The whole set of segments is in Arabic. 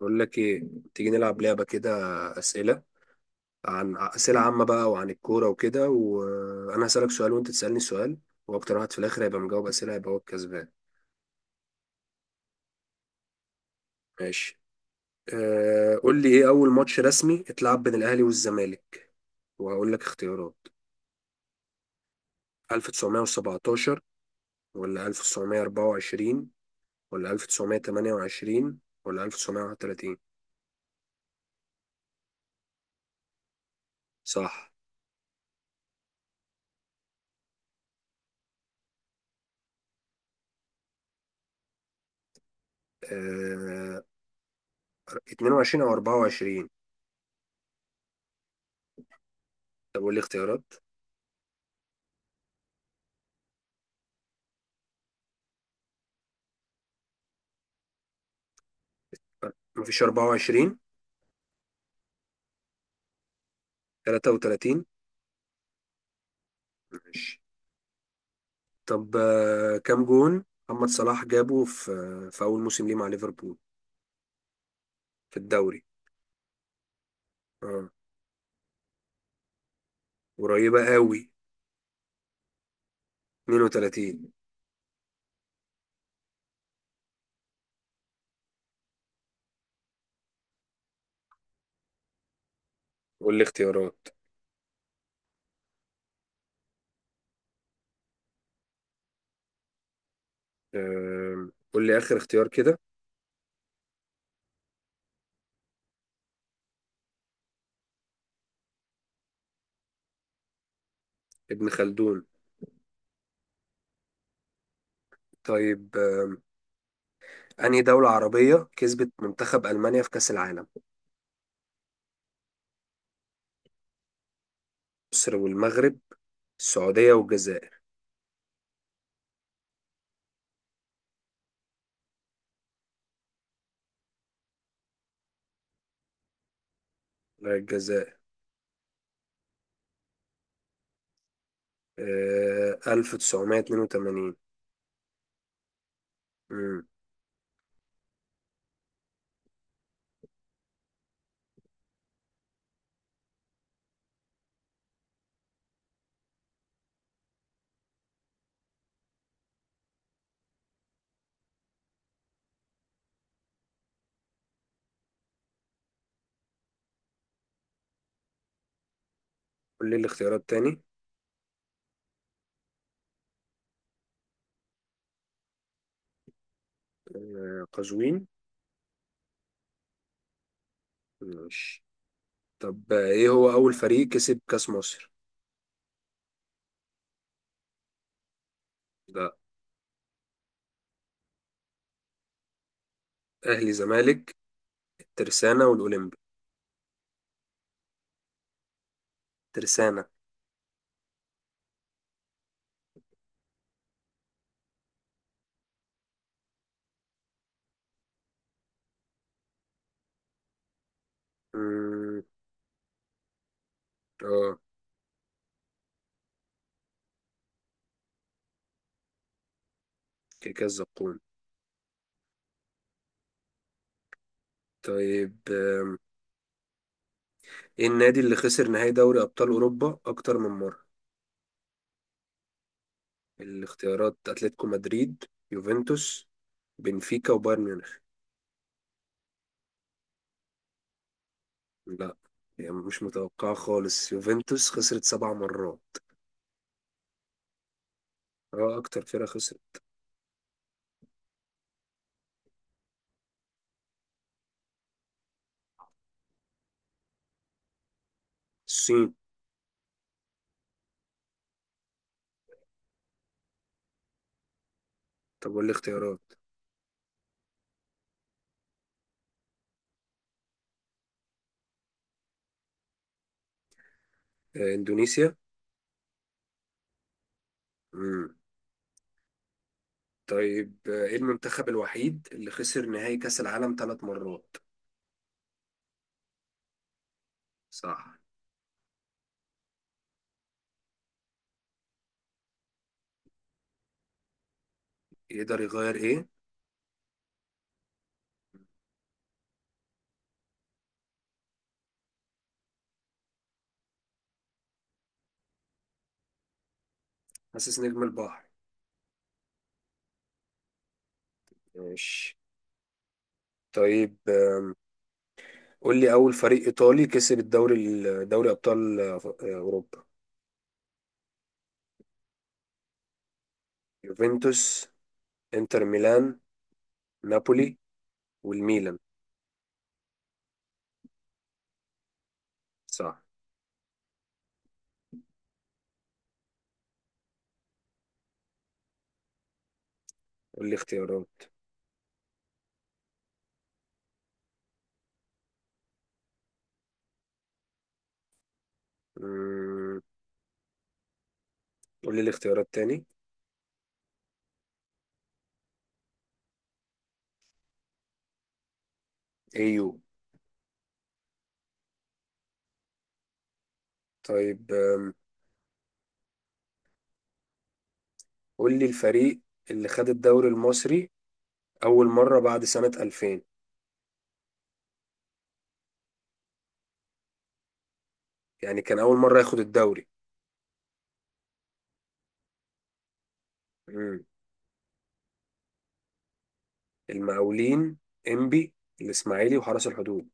بقول لك ايه، تيجي نلعب لعبة كده؟ أسئلة عن أسئلة عامة بقى وعن الكورة وكده، وأنا هسألك سؤال وأنت تسألني سؤال، وأكتر واحد في الآخر هيبقى مجاوب أسئلة هيبقى هو الكسبان. ماشي. قول لي إيه أول ماتش رسمي اتلعب بين الأهلي والزمالك؟ وهقول لك اختيارات: 1917 ولا 1924 ولا 1928 ولا 1931؟ صح. أه 22 أو 24. طب قول لي اختيارات. مفيش 24. 33. ماشي. طب كام جون محمد صلاح جابه في في أول موسم ليه مع ليفربول في الدوري؟ اه. قريبة قوي. 32. قول لي اختيارات. قول لي آخر اختيار كده. ابن خلدون. طيب أنهي دولة عربية كسبت منتخب ألمانيا في كأس العالم؟ مصر والمغرب، السعودية والجزائر. لا، الجزائر. 1982. مم. قول لي الاختيارات تاني. قزوين. ماشي. طب ايه هو اول فريق كسب كاس مصر؟ ده. اهلي، زمالك، الترسانة والاولمبي. ترسانة. مم، اه. كاس زقوم. طيب ايه النادي اللي خسر نهائي دوري ابطال اوروبا اكتر من مرة؟ الاختيارات: اتلتيكو مدريد، يوفنتوس، بنفيكا وبايرن ميونخ. لا، يعني مش متوقعة خالص، يوفنتوس خسرت سبع مرات. اه، اكتر فرقة خسرت. الصين. طب والاختيارات؟ اندونيسيا. طيب ايه المنتخب الوحيد اللي خسر نهائي كأس العالم ثلاث مرات؟ صح. يقدر يغير ايه؟ حاسس نجم البحر. ماشي. طيب قول لي اول فريق ايطالي كسب الدوري دوري ابطال اوروبا. يوفنتوس، انتر ميلان، نابولي والميلان. صح. قول لي اختيارات. مم، قول لي الاختيارات تاني. ايو. طيب قول لي الفريق اللي خد الدوري المصري اول مرة بعد سنة 2000. يعني كان أول مرة ياخد الدوري. مم. المقاولين، إنبي، الإسماعيلي وحرس الحدود.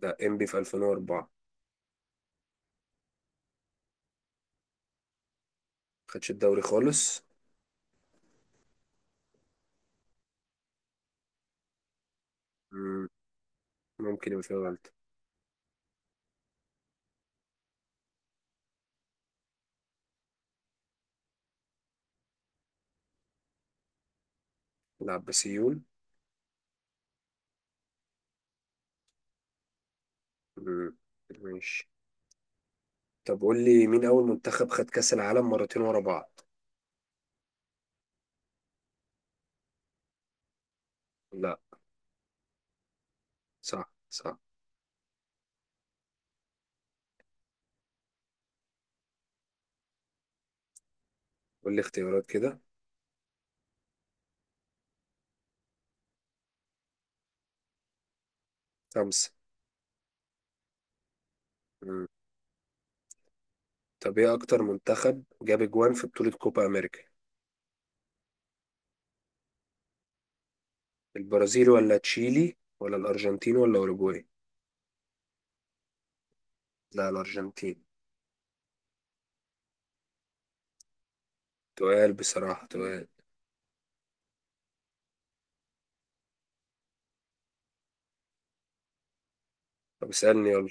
ده إنبي في 2004. خدش الدوري خالص. مم. ممكن يبقى فيه غلطة. لعب بسيول. مم. ماشي. طب قول لي مين أول منتخب خد كأس العالم مرتين ورا بعض؟ لا. صح صح. قول لي اختيارات كده. خمسة. مم. طب إيه أكتر منتخب جاب أجوان في بطولة كوبا أمريكا؟ البرازيل ولا تشيلي ولا الأرجنتين ولا أوروجواي؟ لا الأرجنتين. تقال بصراحة تقال. طب اسألني يلا.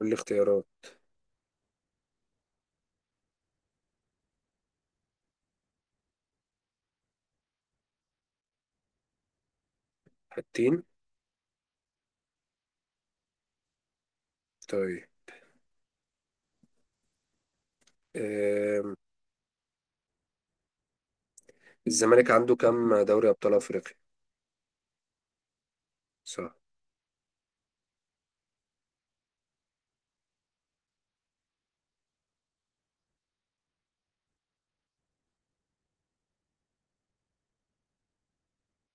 قول لي اختيارات. حاجتين. طيب آم، الزمالك عنده كام دوري أبطال أفريقيا؟ صح.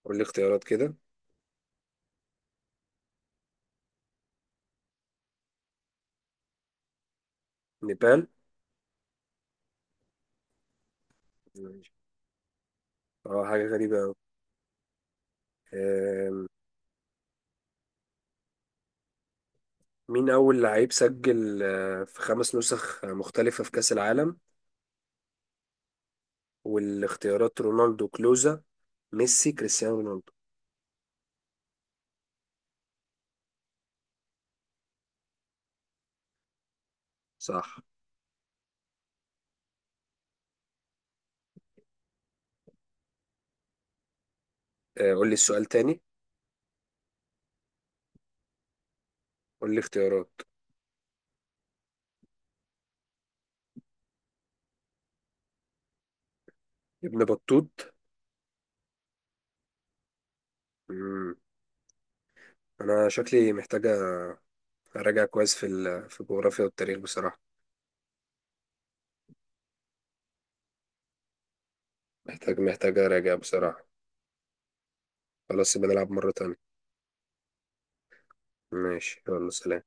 قول لي اختيارات كده. نيبال. ماشي. اه حاجة غريبة أوي. آم، مين أول لعيب سجل في خمس نسخ مختلفة في كأس العالم؟ والاختيارات: رونالدو، كلوزا، ميسي، كريستيانو رونالدو. صح. قول لي السؤال تاني. قول لي اختيارات. ابن بطوط. مم. أنا شكلي محتاجة أراجع كويس في في الجغرافيا والتاريخ بصراحة. محتاج أراجع بصراحة. خلاص يبقى نلعب مرة تانية. ماشي يلا سلام.